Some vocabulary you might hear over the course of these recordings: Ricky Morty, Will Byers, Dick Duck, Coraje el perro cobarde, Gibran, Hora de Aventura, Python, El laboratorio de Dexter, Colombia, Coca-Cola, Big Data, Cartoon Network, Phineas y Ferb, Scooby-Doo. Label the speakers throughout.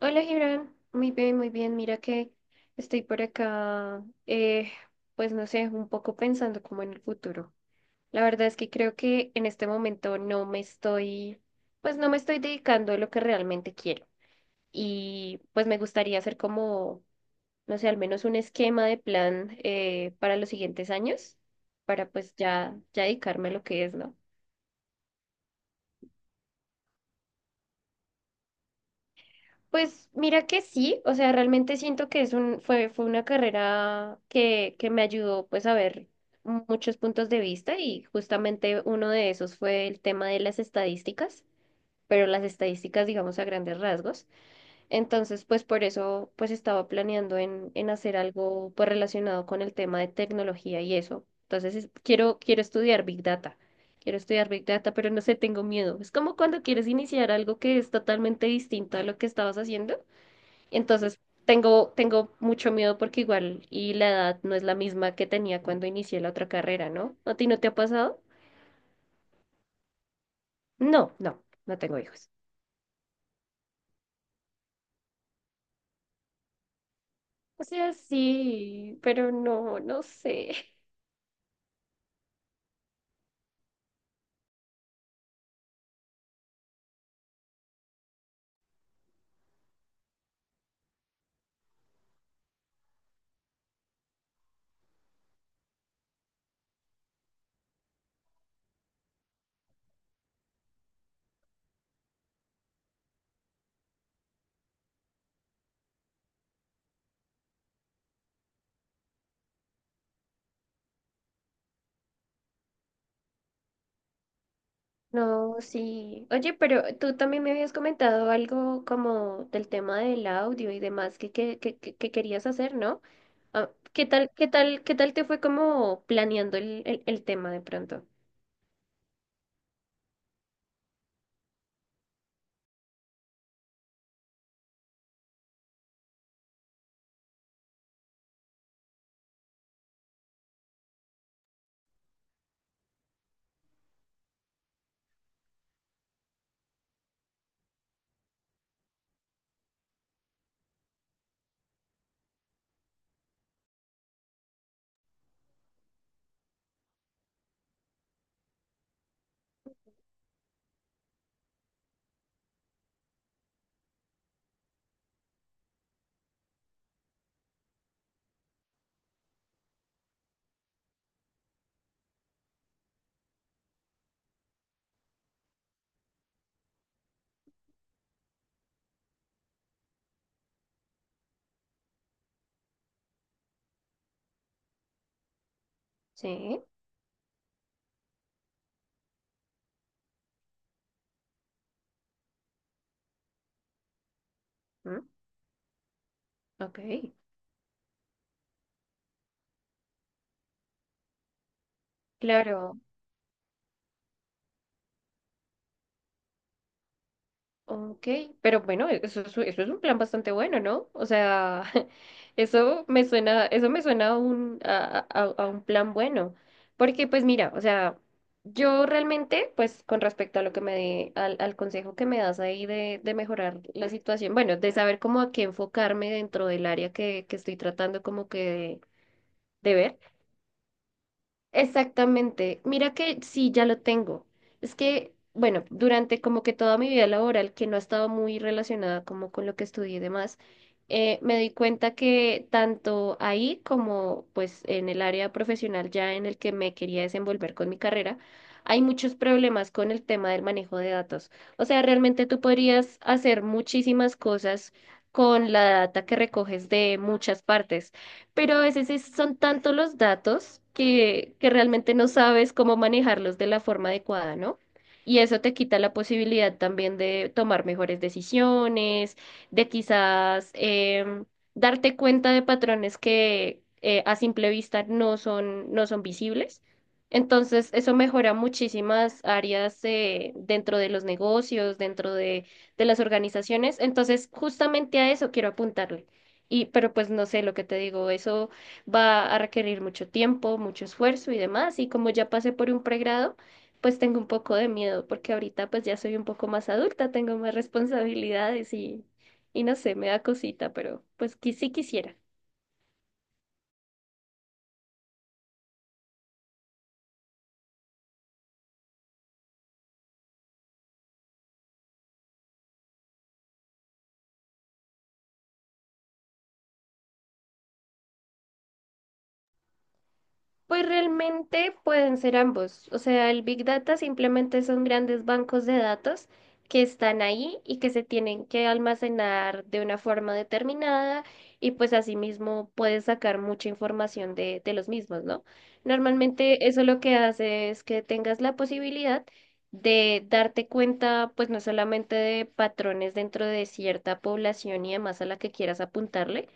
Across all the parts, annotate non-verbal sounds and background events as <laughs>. Speaker 1: Hola, Gibran. Muy bien, muy bien. Mira que estoy por acá, pues no sé, un poco pensando como en el futuro. La verdad es que creo que en este momento no me estoy dedicando a lo que realmente quiero. Y pues me gustaría hacer como, no sé, al menos un esquema de plan para los siguientes años, para pues ya dedicarme a lo que es, ¿no? Pues mira que sí, o sea, realmente siento que fue una carrera que me ayudó pues a ver muchos puntos de vista y justamente uno de esos fue el tema de las estadísticas, pero las estadísticas digamos a grandes rasgos. Entonces pues por eso pues estaba planeando en hacer algo pues relacionado con el tema de tecnología y eso. Quiero estudiar Big Data. Quiero estudiar Big Data, pero no sé, tengo miedo. Es como cuando quieres iniciar algo que es totalmente distinto a lo que estabas haciendo. Entonces, tengo mucho miedo porque igual y la edad no es la misma que tenía cuando inicié la otra carrera, ¿no? ¿A ti no te ha pasado? No, no, no tengo hijos. O sea, sí, pero no, no sé. <laughs> No, sí. Oye, pero tú también me habías comentado algo como del tema del audio y demás que querías hacer, ¿no? Ah, ¿qué tal te fue como planeando el tema de pronto? Sí. ¿Mm? Ok. Claro. Ok, pero bueno, eso es un plan bastante bueno, ¿no? O sea, <laughs> eso me suena a un plan bueno. Porque, pues mira, o sea, yo realmente, pues con respecto a lo que al consejo que me das ahí de mejorar la situación, bueno, de saber cómo a qué enfocarme dentro del área que estoy tratando como que de ver. Exactamente. Mira que sí, ya lo tengo. Es que, bueno, durante como que toda mi vida laboral, que no ha estado muy relacionada como con lo que estudié y demás, me di cuenta que tanto ahí como pues en el área profesional ya en el que me quería desenvolver con mi carrera, hay muchos problemas con el tema del manejo de datos. O sea, realmente tú podrías hacer muchísimas cosas con la data que recoges de muchas partes pero a veces son tantos los datos que realmente no sabes cómo manejarlos de la forma adecuada, ¿no? Y eso te quita la posibilidad también de tomar mejores decisiones, de quizás darte cuenta de patrones que a simple vista no son, no son visibles. Entonces, eso mejora muchísimas áreas dentro de los negocios, de las organizaciones. Entonces, justamente a eso quiero apuntarle. Y, pero pues no sé, lo que te digo, eso va a requerir mucho tiempo, mucho esfuerzo y demás. Y como ya pasé por un pregrado, pues tengo un poco de miedo, porque ahorita pues ya soy un poco más adulta, tengo más responsabilidades y no sé, me da cosita, pero pues que sí quisiera. Pues realmente pueden ser ambos. O sea, el Big Data simplemente son grandes bancos de datos que están ahí y que se tienen que almacenar de una forma determinada y pues asimismo puedes sacar mucha información de los mismos, ¿no? Normalmente eso lo que hace es que tengas la posibilidad de darte cuenta pues no solamente de patrones dentro de cierta población y demás a la que quieras apuntarle,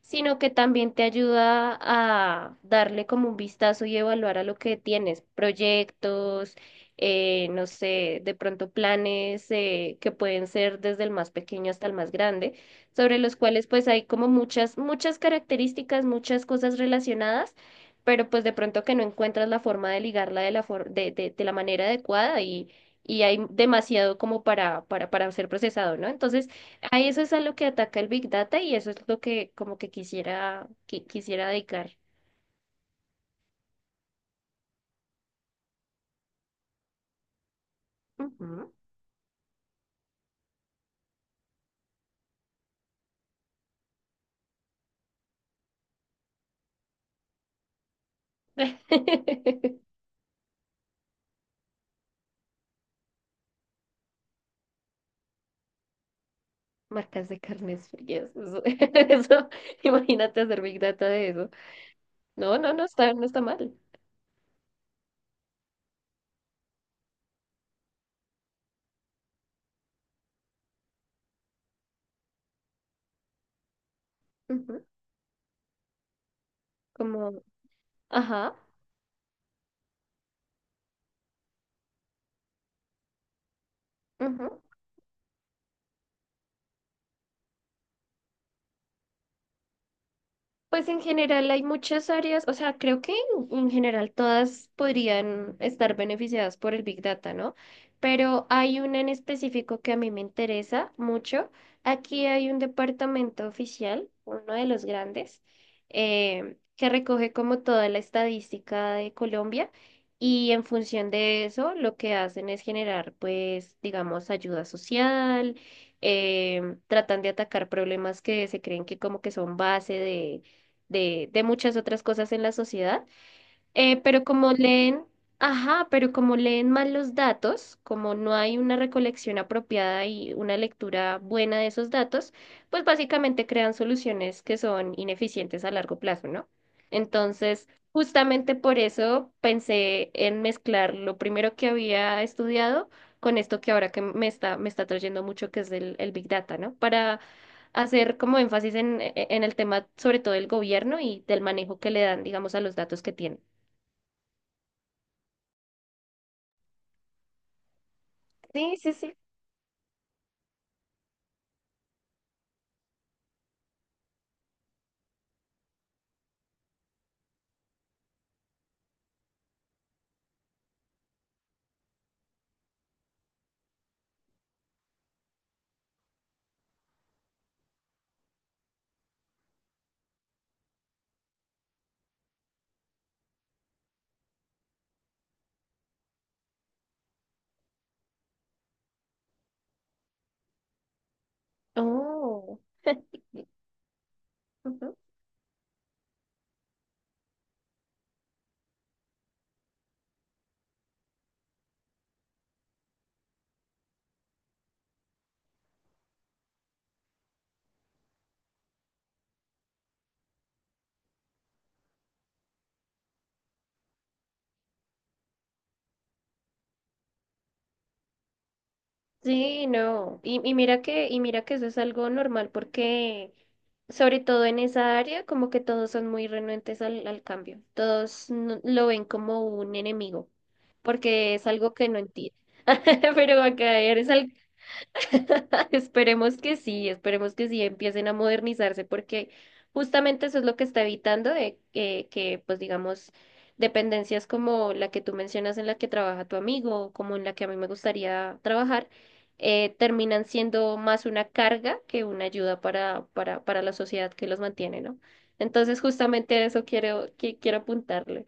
Speaker 1: sino que también te ayuda a darle como un vistazo y evaluar a lo que tienes, proyectos, no sé, de pronto planes que pueden ser desde el más pequeño hasta el más grande, sobre los cuales pues hay como muchas, muchas características, muchas cosas relacionadas. Pero pues de pronto que no encuentras la forma de ligarla de la for- de la manera adecuada y hay demasiado como para ser procesado, ¿no? Entonces, a eso es a lo que ataca el Big Data y eso es lo que como que quisiera dedicar. Ujú. <laughs> Marcas de carnes frías. Eso, <laughs> eso, imagínate hacer Big Data de eso. No, no está, no está mal. Ujú. Como, ajá. Ujú. Pues en general hay muchas áreas, o sea, creo que en general todas podrían estar beneficiadas por el Big Data, ¿no? Pero hay una en específico que a mí me interesa mucho. Aquí hay un departamento oficial, uno de los grandes, que recoge como toda la estadística de Colombia y en función de eso lo que hacen es generar, pues, digamos, ayuda social, tratan de atacar problemas que se creen que como que son base de de muchas otras cosas en la sociedad. Pero como leen, ajá, pero como leen mal los datos, como no hay una recolección apropiada y una lectura buena de esos datos, pues básicamente crean soluciones que son ineficientes a largo plazo, ¿no? Entonces, justamente por eso pensé en mezclar lo primero que había estudiado con esto que ahora que me está trayendo mucho, que es el Big Data, ¿no? Para hacer como énfasis en el tema, sobre todo del gobierno y del manejo que le dan, digamos, a los datos que tienen. Sí, sí, sí. Oh. Y- ujú. Sí, no. Y mira que eso es algo normal porque, sobre todo en esa área, como que todos son muy renuentes al cambio. Todos no- lo ven como un enemigo, porque es algo que no entienden. <laughs> Pero acá eres, al- <laughs> esperemos que sí empiecen a modernizarse porque justamente eso es lo que está evitando de que, pues digamos, dependencias como la que tú mencionas en la que trabaja tu amigo o como en la que a mí me gustaría trabajar, terminan siendo más una carga que una ayuda para la sociedad que los mantiene, ¿no? Entonces justamente a eso quiero apuntarle.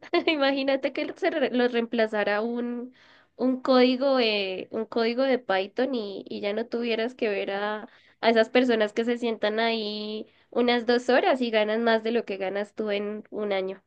Speaker 1: <laughs> Imagínate que lo reemplazara un código de Python y ya no tuvieras que ver a esas personas que se sientan ahí unas dos horas y ganan más de lo que ganas tú en un año.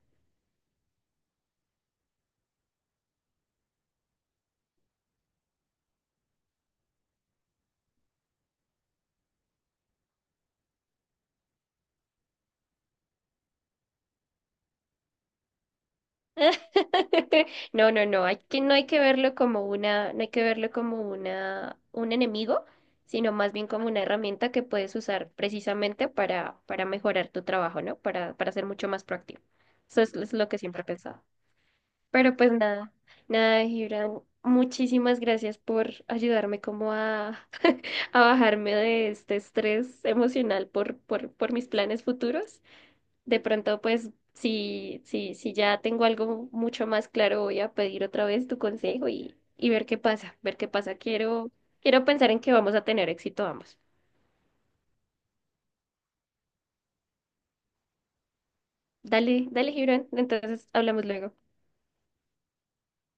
Speaker 1: <laughs> No, no, no, hay que, no hay que verlo como una, no hay que verlo como una, un enemigo, sino más bien como una herramienta que puedes usar precisamente para mejorar tu trabajo, ¿no? Para ser mucho más proactivo. Es lo que siempre he pensado. Pero pues nada, nada, Gibran. Muchísimas gracias por ayudarme como a, <laughs> a bajarme de este estrés emocional por mis planes futuros. De pronto, pues, si ya tengo algo mucho más claro, voy a pedir otra vez tu consejo y ver qué pasa, ver qué pasa. Quiero pensar en que vamos a tener éxito ambos. Dale, dale, Gibran. Entonces, hablamos luego.